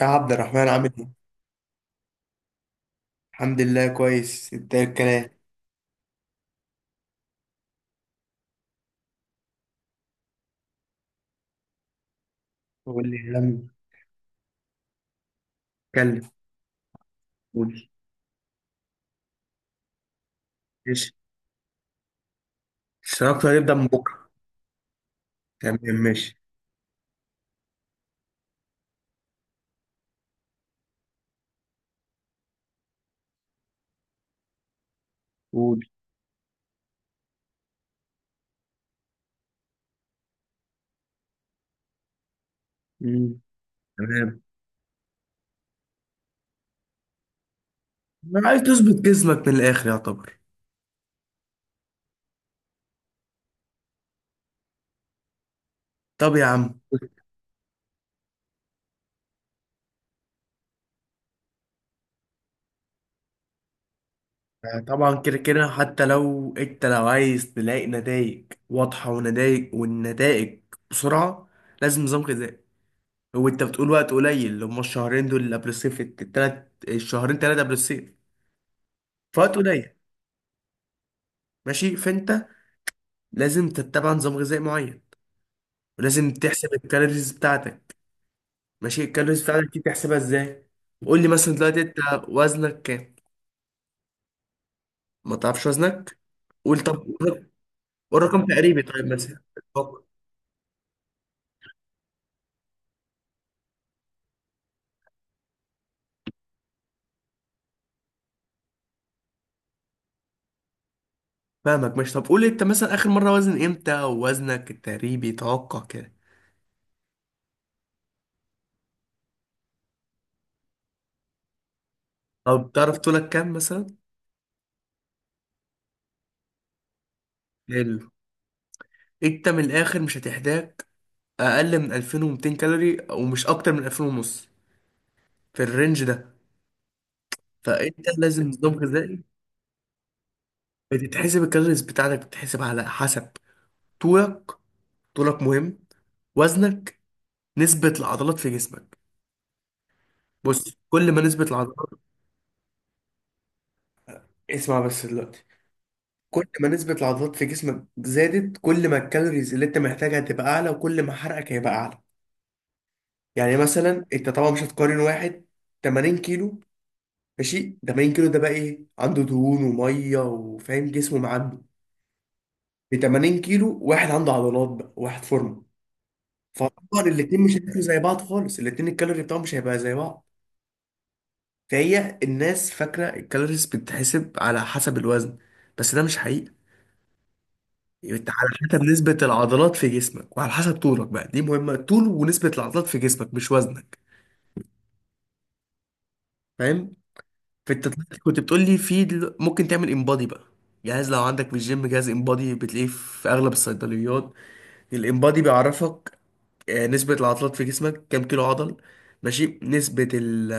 يا عبد الرحمن، عامل ايه؟ الحمد لله، كويس. انت ايه الكلام؟ قول لي يا عم. اتكلم. قول. ماشي. الشراكة هنبدأ من بكرة. تمام، ماشي. قول. مم. تمام، انا عايز تظبط جسمك من الآخر يعتبر. طب يا عم، طبعا كده كده، حتى لو انت، لو عايز تلاقي نتائج واضحة ونتائج والنتائج بسرعة، لازم نظام غذائي. هو انت بتقول وقت قليل، اللي هما الشهرين دول اللي قبل الصيف، التلات الشهرين، تلاتة قبل الصيف، فوقت قليل. ماشي، فانت لازم تتبع نظام غذائي معين، ولازم تحسب الكالوريز بتاعتك. ماشي. الكالوريز بتاعتك دي تحسبها ازاي؟ قول لي مثلا دلوقتي انت وزنك كام؟ ما تعرفش وزنك؟ قول طب. قول. رقم تقريبي، طيب، مثلا اتوقع. فاهمك، ماشي. طب قول انت مثلا اخر مره وزن امتى، ووزنك التقريبي توقع كده. طب تعرف طولك كام مثلا؟ حلو. انت من الاخر مش هتحتاج اقل من 2200 كالوري، ومش اكتر من 2000 ونص. في الرينج ده. فانت لازم نظام غذائي. بتتحسب الكالوريز بتاعتك، بتتحسب على حسب طولك. طولك مهم، وزنك، نسبة العضلات في جسمك. بص، كل ما نسبة العضلات... اسمع بس دلوقتي. كل ما نسبة العضلات في جسمك زادت، كل ما الكالوريز اللي انت محتاجها تبقى اعلى، وكل ما حرقك هيبقى اعلى. يعني مثلا انت طبعا مش هتقارن واحد 80 كيلو، ماشي، 80 كيلو ده بقى ايه؟ عنده دهون وميه، وفاهم، جسمه معدي. ب 80 كيلو واحد عنده عضلات بقى، واحد فورمه. فطبعا الاتنين مش هياكلوا زي بعض خالص، الاتنين الكالوري بتاعهم مش هيبقى زي بعض. فهي الناس فاكرة الكالوريز بتتحسب على حسب الوزن، بس ده مش حقيقي. انت على حسب نسبة العضلات في جسمك، وعلى حسب طولك بقى، دي مهمة، طول ونسبة العضلات في جسمك، مش وزنك. فاهم. فانت طلعت كنت بتقول لي في ممكن تعمل انبادي بقى. جهاز، لو عندك في الجيم جهاز انبادي، بتلاقيه في اغلب الصيدليات. الانبادي بيعرفك نسبة العضلات في جسمك، كام كيلو عضل، ماشي، نسبة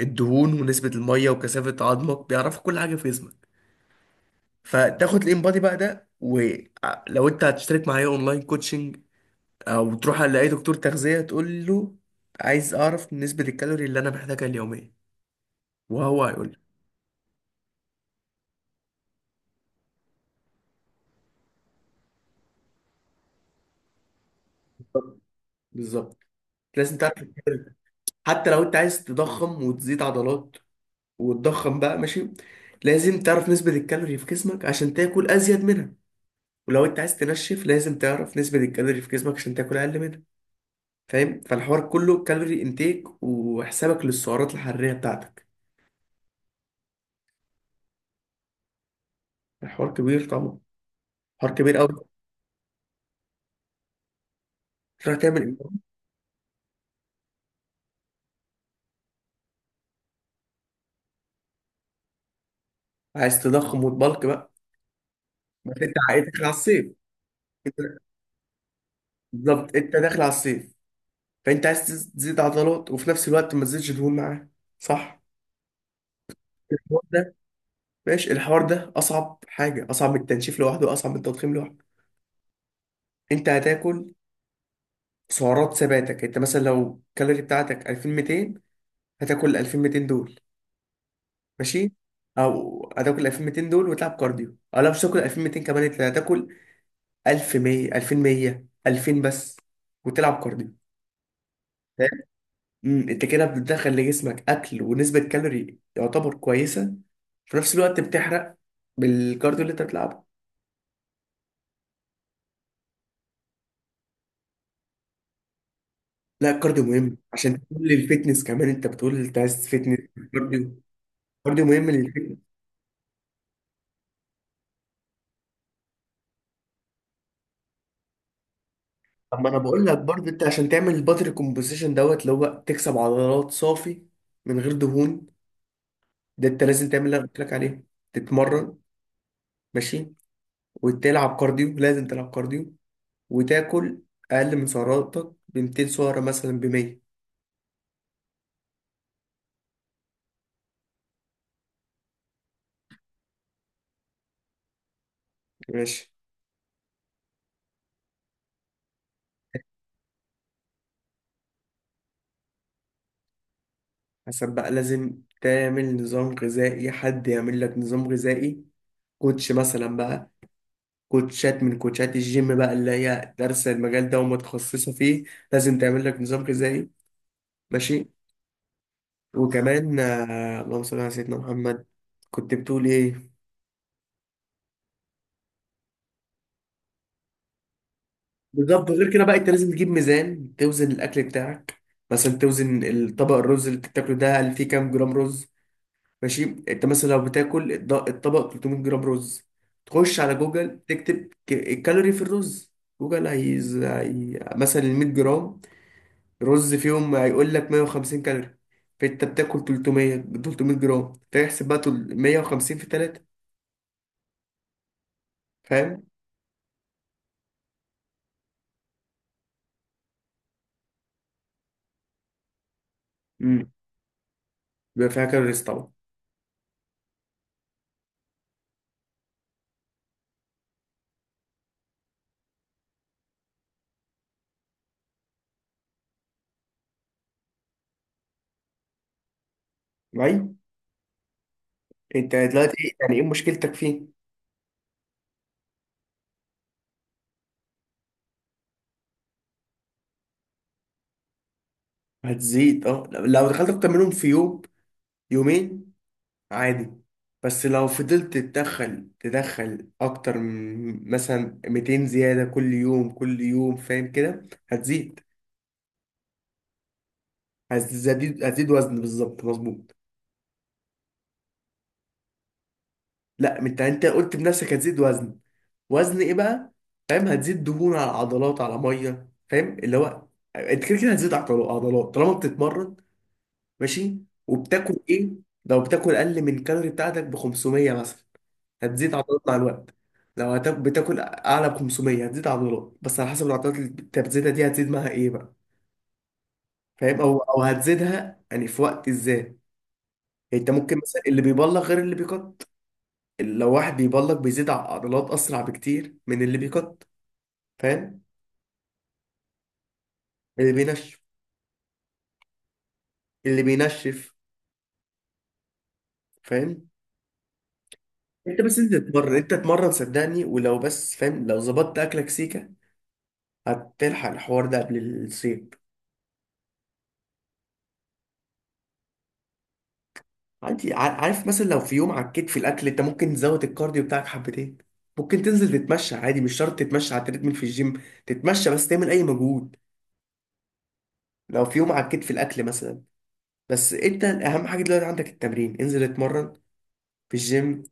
الدهون، ونسبة المية، وكثافة عظمك، بيعرفوا كل حاجة في جسمك. فتاخد الانبادي بقى ده، ولو انت هتشترك معايا اونلاين كوتشنج، او تروح على اي دكتور تغذية تقول له عايز اعرف نسبة الكالوري اللي انا محتاجها اليومية، وهو هيقول لك. بالظبط، لازم تعرف الكالوري. حتى لو انت عايز تضخم وتزيد عضلات وتضخم بقى، ماشي، لازم تعرف نسبة الكالوري في جسمك عشان تاكل ازيد منها. ولو انت عايز تنشف، لازم تعرف نسبة الكالوري في جسمك عشان تاكل اقل منها. فاهم. فالحوار كله كالوري انتيك، وحسابك للسعرات الحراريه بتاعتك. الحوار كبير طبعا، حوار كبير قوي. تروح تعمل ايه؟ عايز تضخم وتبلك بقى؟ بس انت عايز داخل على الصيف. انت- بالظبط، انت داخل على الصيف، فانت عايز تزيد عضلات، وفي نفس الوقت ما تزيدش دهون معاه. صح. الحوار ده، ماشي، الحوار ده اصعب حاجه، اصعب من التنشيف لوحده، واصعب من التضخيم لوحده. انت هتاكل سعرات ثباتك. انت مثلا لو الكالوري بتاعتك 2200، هتاكل 2200 دول، ماشي. او هتاكل 2200 دول وتلعب كارديو، او لا، مش تاكل 2200 كمان، انت هتاكل 1100، 2100، 2000 بس، وتلعب كارديو. فاهم؟ انت كده بتدخل لجسمك اكل ونسبة كالوري يعتبر كويسة، في نفس الوقت بتحرق بالكارديو اللي انت بتلعبه. لا، الكارديو مهم عشان تقول للفتنس كمان، انت بتقول انت عايز فتنس. كارديو، كارديو مهم للفتنس. طب ما انا بقول لك برضه، انت عشان تعمل الباتري كومبوزيشن دوت، اللي هو تكسب عضلات صافي من غير دهون، ده انت لازم تعمل اللي انا قلت لك عليه. تتمرن، ماشي، وتلعب كارديو، لازم تلعب كارديو، وتاكل اقل من سعراتك ب 200 سعره، مثلا ب 100. ماشي. حسب بقى، لازم تعمل نظام غذائي، حد يعمل لك نظام غذائي، كوتش مثلا بقى، كوتشات من كوتشات الجيم بقى اللي هي دارسه المجال ده ومتخصصه فيه، لازم تعمل لك نظام غذائي. ماشي. وكمان اللهم صل على سيدنا محمد. كنت بتقول ايه؟ بالظبط، غير كده بقى، انت لازم تجيب ميزان توزن الاكل بتاعك. مثلا توزن الطبق، الرز اللي بتاكله ده، هل فيه كام جرام رز. ماشي. انت مثلا لو بتاكل الطبق 300 جرام رز، تخش على جوجل تكتب الكالوري في الرز. جوجل مثلا ال 100 جرام رز فيهم، هيقول لك 150 كالوري، فانت بتاكل 300 جرام، فيحسب بقى، 150 في 3. فاهم. امم بيبقى فيها كالوريز طبعا. معايا. انت دلوقتي يعني ايه مشكلتك فيه؟ هتزيد، اه، لو دخلت اكتر منهم في يوم، يومين، عادي. بس لو فضلت تدخل اكتر من مثلا 200 زيادة كل يوم كل يوم، فاهم كده، هتزيد هتزيد هتزيد وزن، بالظبط، مظبوط. لا، انت قلت بنفسك هتزيد وزن. وزن ايه بقى؟ فاهم. هتزيد دهون على عضلات على مية، فاهم، اللي هو انت كده كده هتزيد عضلات طالما بتتمرن، ماشي، وبتاكل ايه. لو بتاكل اقل من الكالوري بتاعتك ب 500 مثلا، هتزيد عضلات مع الوقت. لو بتاكل اعلى ب 500، هتزيد عضلات، بس على حسب العضلات اللي انت بتزيدها دي هتزيد معاها ايه بقى، فاهم، او هتزيدها يعني في وقت ازاي. انت ممكن مثلا اللي بيبلغ غير اللي بيقط. لو واحد بيبلغ بيزيد عضلات اسرع بكتير من اللي بيقط. فاهم. اللي بينشف. اللي بينشف. فاهم. انت بس، انت تتمرن، انت تتمرن صدقني، ولو بس، فاهم، لو ظبطت اكلك سيكه، هتلحق الحوار ده قبل الصيف. انت عارف مثلا لو في يوم عكيت في الاكل، انت ممكن تزود الكارديو بتاعك حبتين، ممكن تنزل تتمشى عادي، مش شرط تتمشى على التريدميل في الجيم، تتمشى بس، تعمل اي مجهود. لو في يوم عكيت في الاكل مثلا. بس انت اهم حاجه دلوقتي عندك التمرين، انزل اتمرن في الجيم.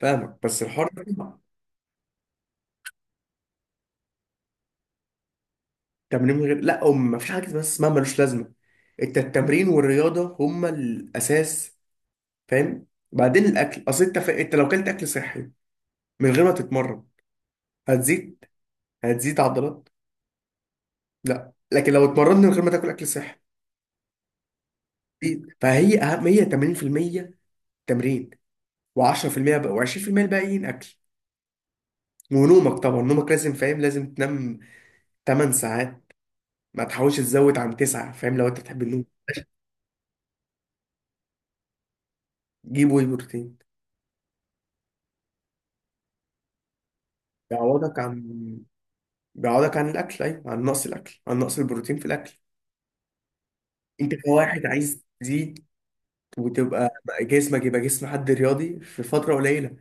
فاهمك. بس الحوار ده تمرين من غير لا أم، ما فيش حاجه بس اسمها ملوش لازمه. انت التمرين والرياضه هما الاساس، فاهم. بعدين الاكل، اصل انت انت لو كلت اكل صحي من غير ما تتمرن، هتزيد، هتزيد عضلات. لا، لكن لو اتمرنت من غير ما تاكل اكل صحي، فهي اهم، هي 80% تمرين، و10% بقى، و20% الباقيين اكل. ونومك طبعا، نومك لازم، فاهم، لازم تنام 8 ساعات. ما تحاولش تزود عن 9، فاهم، لو انت بتحب النوم. جيب واي بروتين. بيعوضك عن، بيعوضك عن الاكل، ايوه، عن نقص الاكل، عن نقص البروتين في الاكل. انت كواحد عايز تزيد، وتبقى جسمك يبقى جسم حد رياضي في فتره قليله،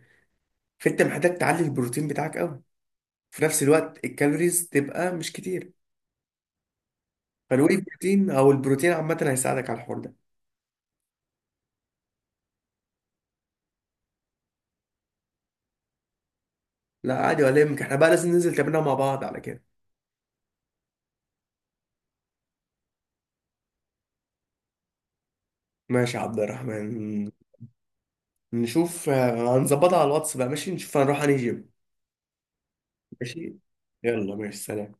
فانت محتاج تعلي البروتين بتاعك قوي، في نفس الوقت الكالوريز تبقى مش كتير. فالواي بروتين او البروتين عامه هيساعدك على الحوار ده. لا عادي، ولا يهمك، احنا بقى لازم ننزل تمرينها مع بعض على كده. ماشي يا عبد الرحمن. نشوف هنظبطها على الواتس بقى. ماشي، نشوف هنروح انهي جيم. ماشي، يلا، ماشي، سلام.